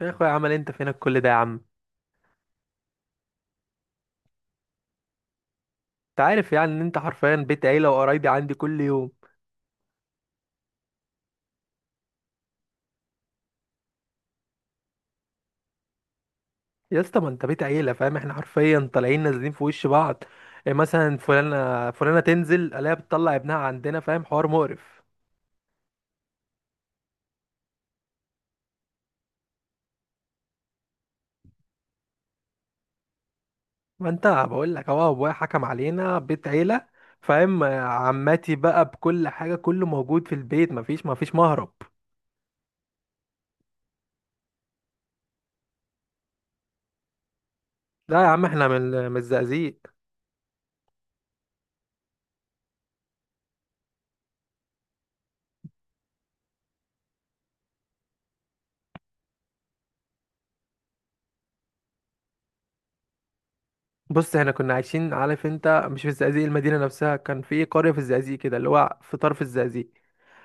يا اخويا، عمل إيه؟ انت فينك كل ده يا عم؟ انت عارف يعني ان انت حرفيا بيت عيله، وقرايبي عندي كل يوم. يا اسطى، ما انت بيت عيله، فاهم؟ احنا حرفيا طالعين نازلين في وش بعض. إيه مثلا؟ فلانه فلانه تنزل الاقيها بتطلع ابنها عندنا، فاهم؟ حوار مقرف. ما انت بقول لك اهو، ابويا حكم علينا بيت عيله، فاهم؟ آه، عماتي بقى بكل حاجه، كله موجود في البيت، مفيش مهرب. لا يا عم، احنا من الزقازيق. بص، احنا كنا عايشين، عارف انت، مش في الزقازيق المدينه نفسها، كان في قريه في الزقازيق كده، اللي هو في طرف الزقازيق.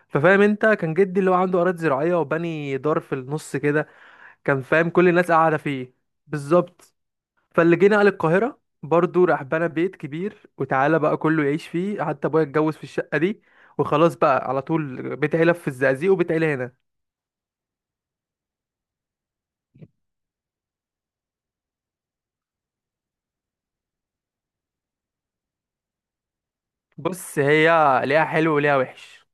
ففاهم انت، كان جدي اللي هو عنده اراضي زراعيه، وبني دار في النص كده، كان فاهم؟ كل الناس قاعده فيه. بالظبط. فاللي جه نقل القاهره برضه راح بنى بيت كبير، وتعالى بقى كله يعيش فيه، حتى ابويا اتجوز في الشقه دي. وخلاص بقى، على طول بيت عيله في الزقازيق وبيت عيله هنا. بص، هي ليها حلو وليها وحش.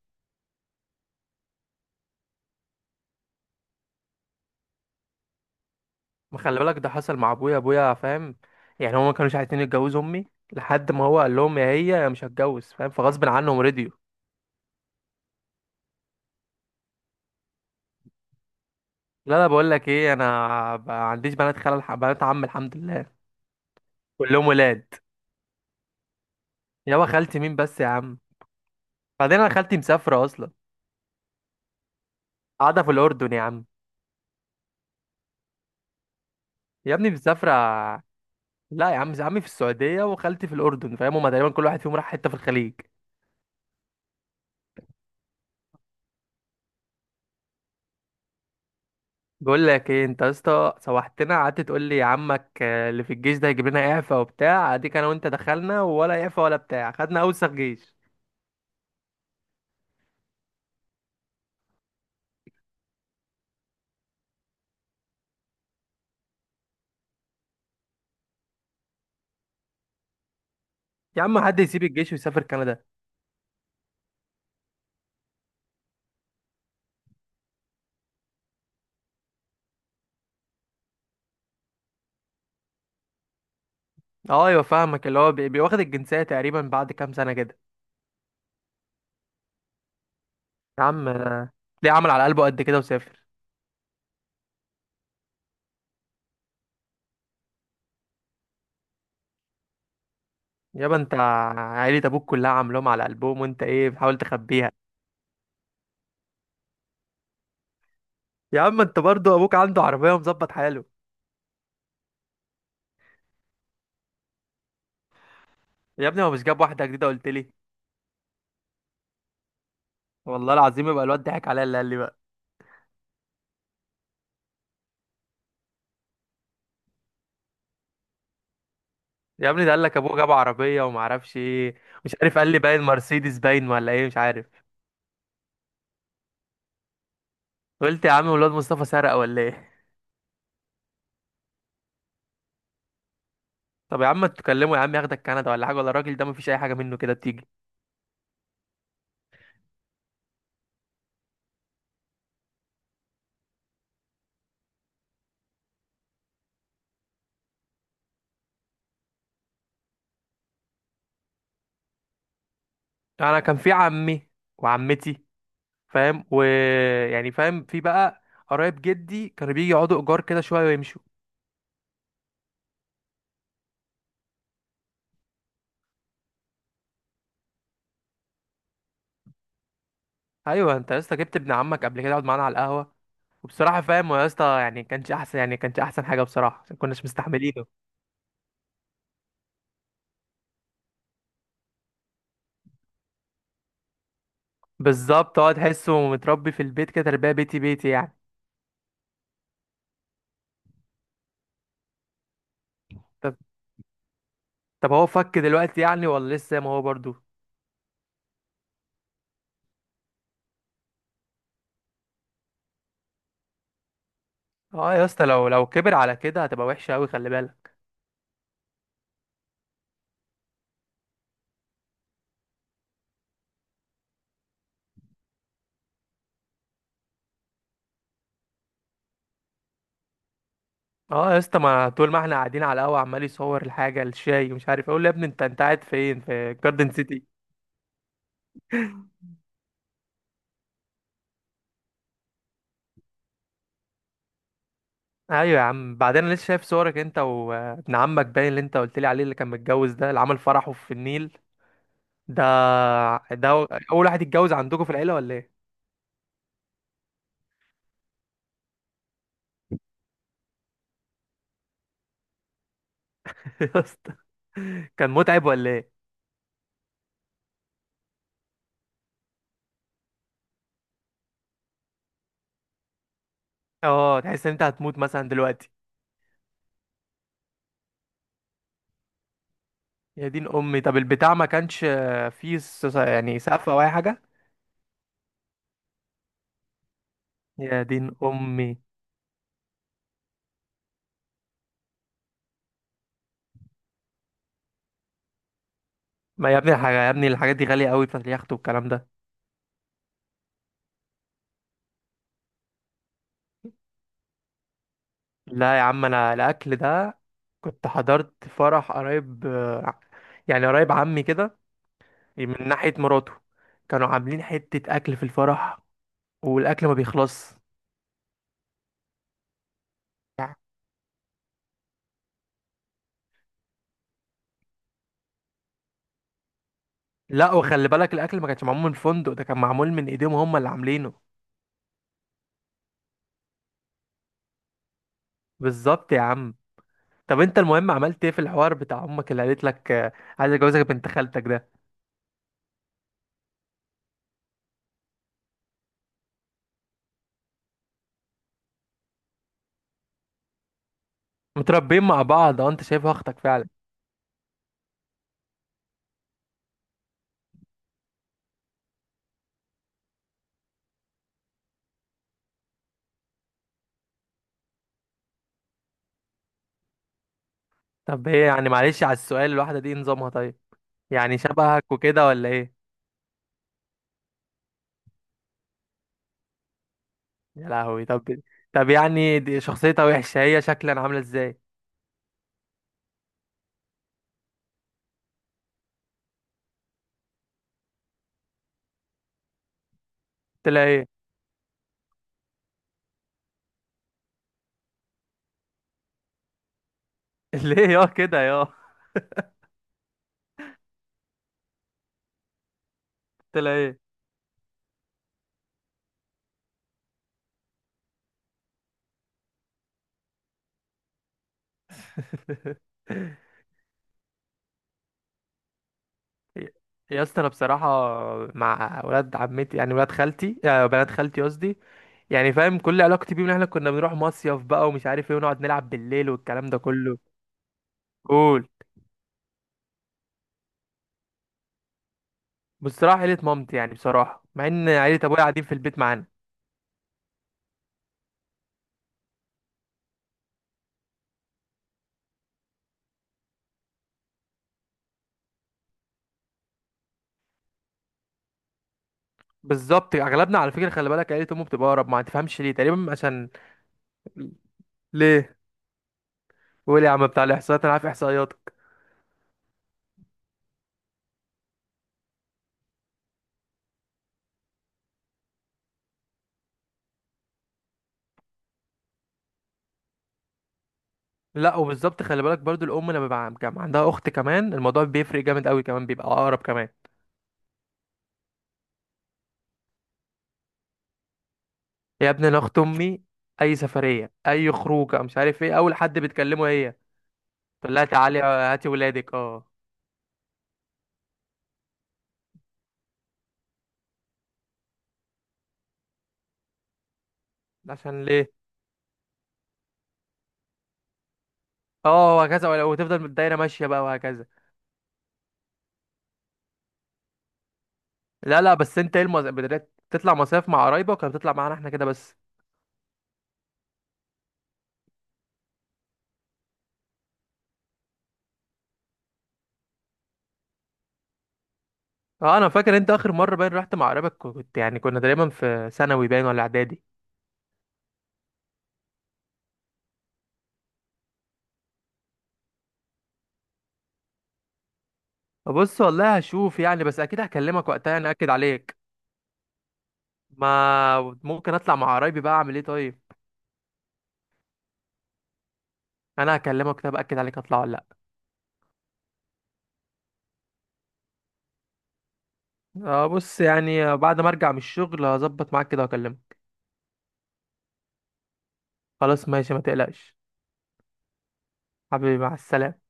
ما خلي بالك، ده حصل مع ابويا، ابويا فاهم. يعني هما ما كانوش عايزين يتجوزوا امي، لحد ما هو قال لهم يا هي يا مش هتجوز، فاهم؟ فغصب عنهم رضيوا. لا، لا، بقول لك ايه، انا ما عنديش بنات خال، بنات عم، الحمد لله. كلهم ولاد. يابا، خالتي مين بس يا عم؟ بعدين انا خالتي مسافره اصلا، قاعده في الاردن يا عم. يا ابني مسافره. لا يا عم، عمي في السعوديه وخالتي في الاردن، فاهم؟ هما تقريبا كل واحد فيهم راح حته في الخليج. بقول لك ايه انت يا اسطى، سوحتنا قعدت تقول لي عمك آه، اللي في الجيش ده هيجيب لنا اعفاء وبتاع، اديك انا وانت دخلنا، ولا اعفاء ولا بتاع، خدنا اوسخ جيش. يا عم، حد يسيب الجيش ويسافر كندا؟ اه، ايوه فاهمك، اللي هو بيواخد الجنسيه تقريبا بعد كام سنه كده. يا عم، ليه عمل على قلبه قد كده وسافر؟ يابا، انت عيلة ابوك كلها عاملاهم على قلبهم، وانت ايه بتحاول تخبيها؟ يا عم، انت برضو ابوك عنده عربية ومظبط حاله. يا ابني، هو مش جاب واحدة جديدة قلت لي؟ والله العظيم، يبقى الواد ضحك عليا اللي قال لي بقى. يا ابني، ده قال لك ابوه جاب عربية وما اعرفش ايه. مش عارف، قال لي باين مرسيدس باين ولا ايه، مش عارف. قلت يا عم، الواد مصطفى سرق ولا ايه؟ طب يا عم، ما تكلمه يا عم، ياخدك كندا ولا حاجة، ولا الراجل ده مفيش اي حاجة منه كده بتيجي؟ انا كان في عمي وعمتي، فاهم؟ ويعني، فاهم، في بقى قرايب جدي كانوا بيجي يقعدوا ايجار كده شويه ويمشوا. ايوه، انت يا اسطى جبت ابن عمك قبل كده يقعد معانا على القهوه. وبصراحه فاهم هو يا اسطى، يعني كانش احسن، يعني كانش احسن حاجه بصراحه، عشان كناش مستحملينه. بالظبط، هو تحسه متربي في البيت كده، تربيه بيتي بيتي يعني. طب، طب، هو فك دلوقتي يعني ولا لسه زي ما هو برضو؟ اه يا اسطى، لو كبر على كده هتبقى وحشه قوي، خلي بالك. اه يا اسطى، ما طول ما احنا قاعدين على القهوه عمال يصور الحاجه الشاي ومش عارف إيه. اقول له يا ابني، انت قاعد فين؟ في جاردن سيتي؟ ايوه يا عم، بعدين انا لسه شايف صورك انت وابن عمك باين، اللي انت قلت لي عليه، اللي كان متجوز ده، اللي عمل فرحه في النيل ده ده اول واحد يتجوز عندكم في العيله ولا ايه؟ يا اسطى، كان متعب ولا ايه؟ اه، تحس ان انت هتموت مثلا دلوقتي. يا دين امي، طب البتاع ما كانش فيه يعني سقف او اي حاجه؟ يا دين امي. ما يا ابني، يا ابني الحاجات دي غاليه قوي، بتاعت اليخت والكلام ده. لا يا عم، انا الاكل ده، كنت حضرت فرح قريب، يعني قريب عمي كده، من ناحية مراته، كانوا عاملين حتة أكل في الفرح، والأكل ما بيخلص. لا، وخلي بالك، الأكل ما كانش معمول من الفندق، ده كان معمول من إيديهم، هم اللي عاملينه. بالظبط يا عم. طب أنت المهم، عملت إيه في الحوار بتاع أمك اللي قالت لك آه، عايز أجوزك بنت خالتك ده؟ متربيين مع بعض، أه، أنت شايفها أختك فعلا؟ طب هي يعني، معلش على السؤال، الواحدة دي إيه نظامها؟ طيب، يعني شبهك وكده ولا إيه؟ يا لهوي. طب، طب، يعني دي شخصيتها وحشة، هي شكلا عاملة إزاي؟ قلت لها إيه؟ ليه يا كده؟ يا، قلت لها إيه؟ يا اسطى، انا بصراحه مع ولاد عمتي، يعني ولاد خالتي آه، بنات خالتي قصدي، يعني فاهم، كل علاقتي بيهم ان احنا كنا بنروح مصيف بقى ومش عارف ايه، ونقعد نلعب بالليل والكلام ده كله. قول. بصراحه عيله مامتي، يعني بصراحه، مع ان عيله ابويا قاعدين في البيت معانا. بالظبط، اغلبنا على فكره، خلي بالك، عيله امه بتبقى اقرب، ما تفهمش ليه تقريبا، عشان ليه؟ قول يا عم بتاع الاحصائيات، انا عارف احصائياتك. لا، وبالظبط، خلي بالك برضو، الام لما بيبقى كان عندها اخت كمان، الموضوع بيفرق جامد قوي كمان، بيبقى اقرب كمان. يا ابني، انا اخت امي، اي سفريه، اي خروجه، مش عارف ايه، اول حد بتكلمه هي. تقول لها تعالي هاتي ولادك، اه. عشان ليه؟ اه، وهكذا، وتفضل الدايره ماشيه بقى، وهكذا. لا، لا، بس انت ايه؟ بدأت تطلع مصايف مع قرايبك ولا بتطلع معانا احنا كده بس؟ اه، انا فاكر انت اخر مره باين رحت مع قرايبك، يعني كنا تقريبا في ثانوي باين ولا اعدادي؟ بص، والله هشوف يعني، بس اكيد هكلمك وقتها، يعني اكد عليك. ما ممكن اطلع مع قرايبي بقى، اعمل ايه طيب؟ انا هكلمك. طب اكد عليك، اطلع ولا؟ آه، بص يعني، بعد ما ارجع من الشغل هظبط معاك كده واكلمك. خلاص، ماشي، ما تقلقش. حبيبي، مع السلامة.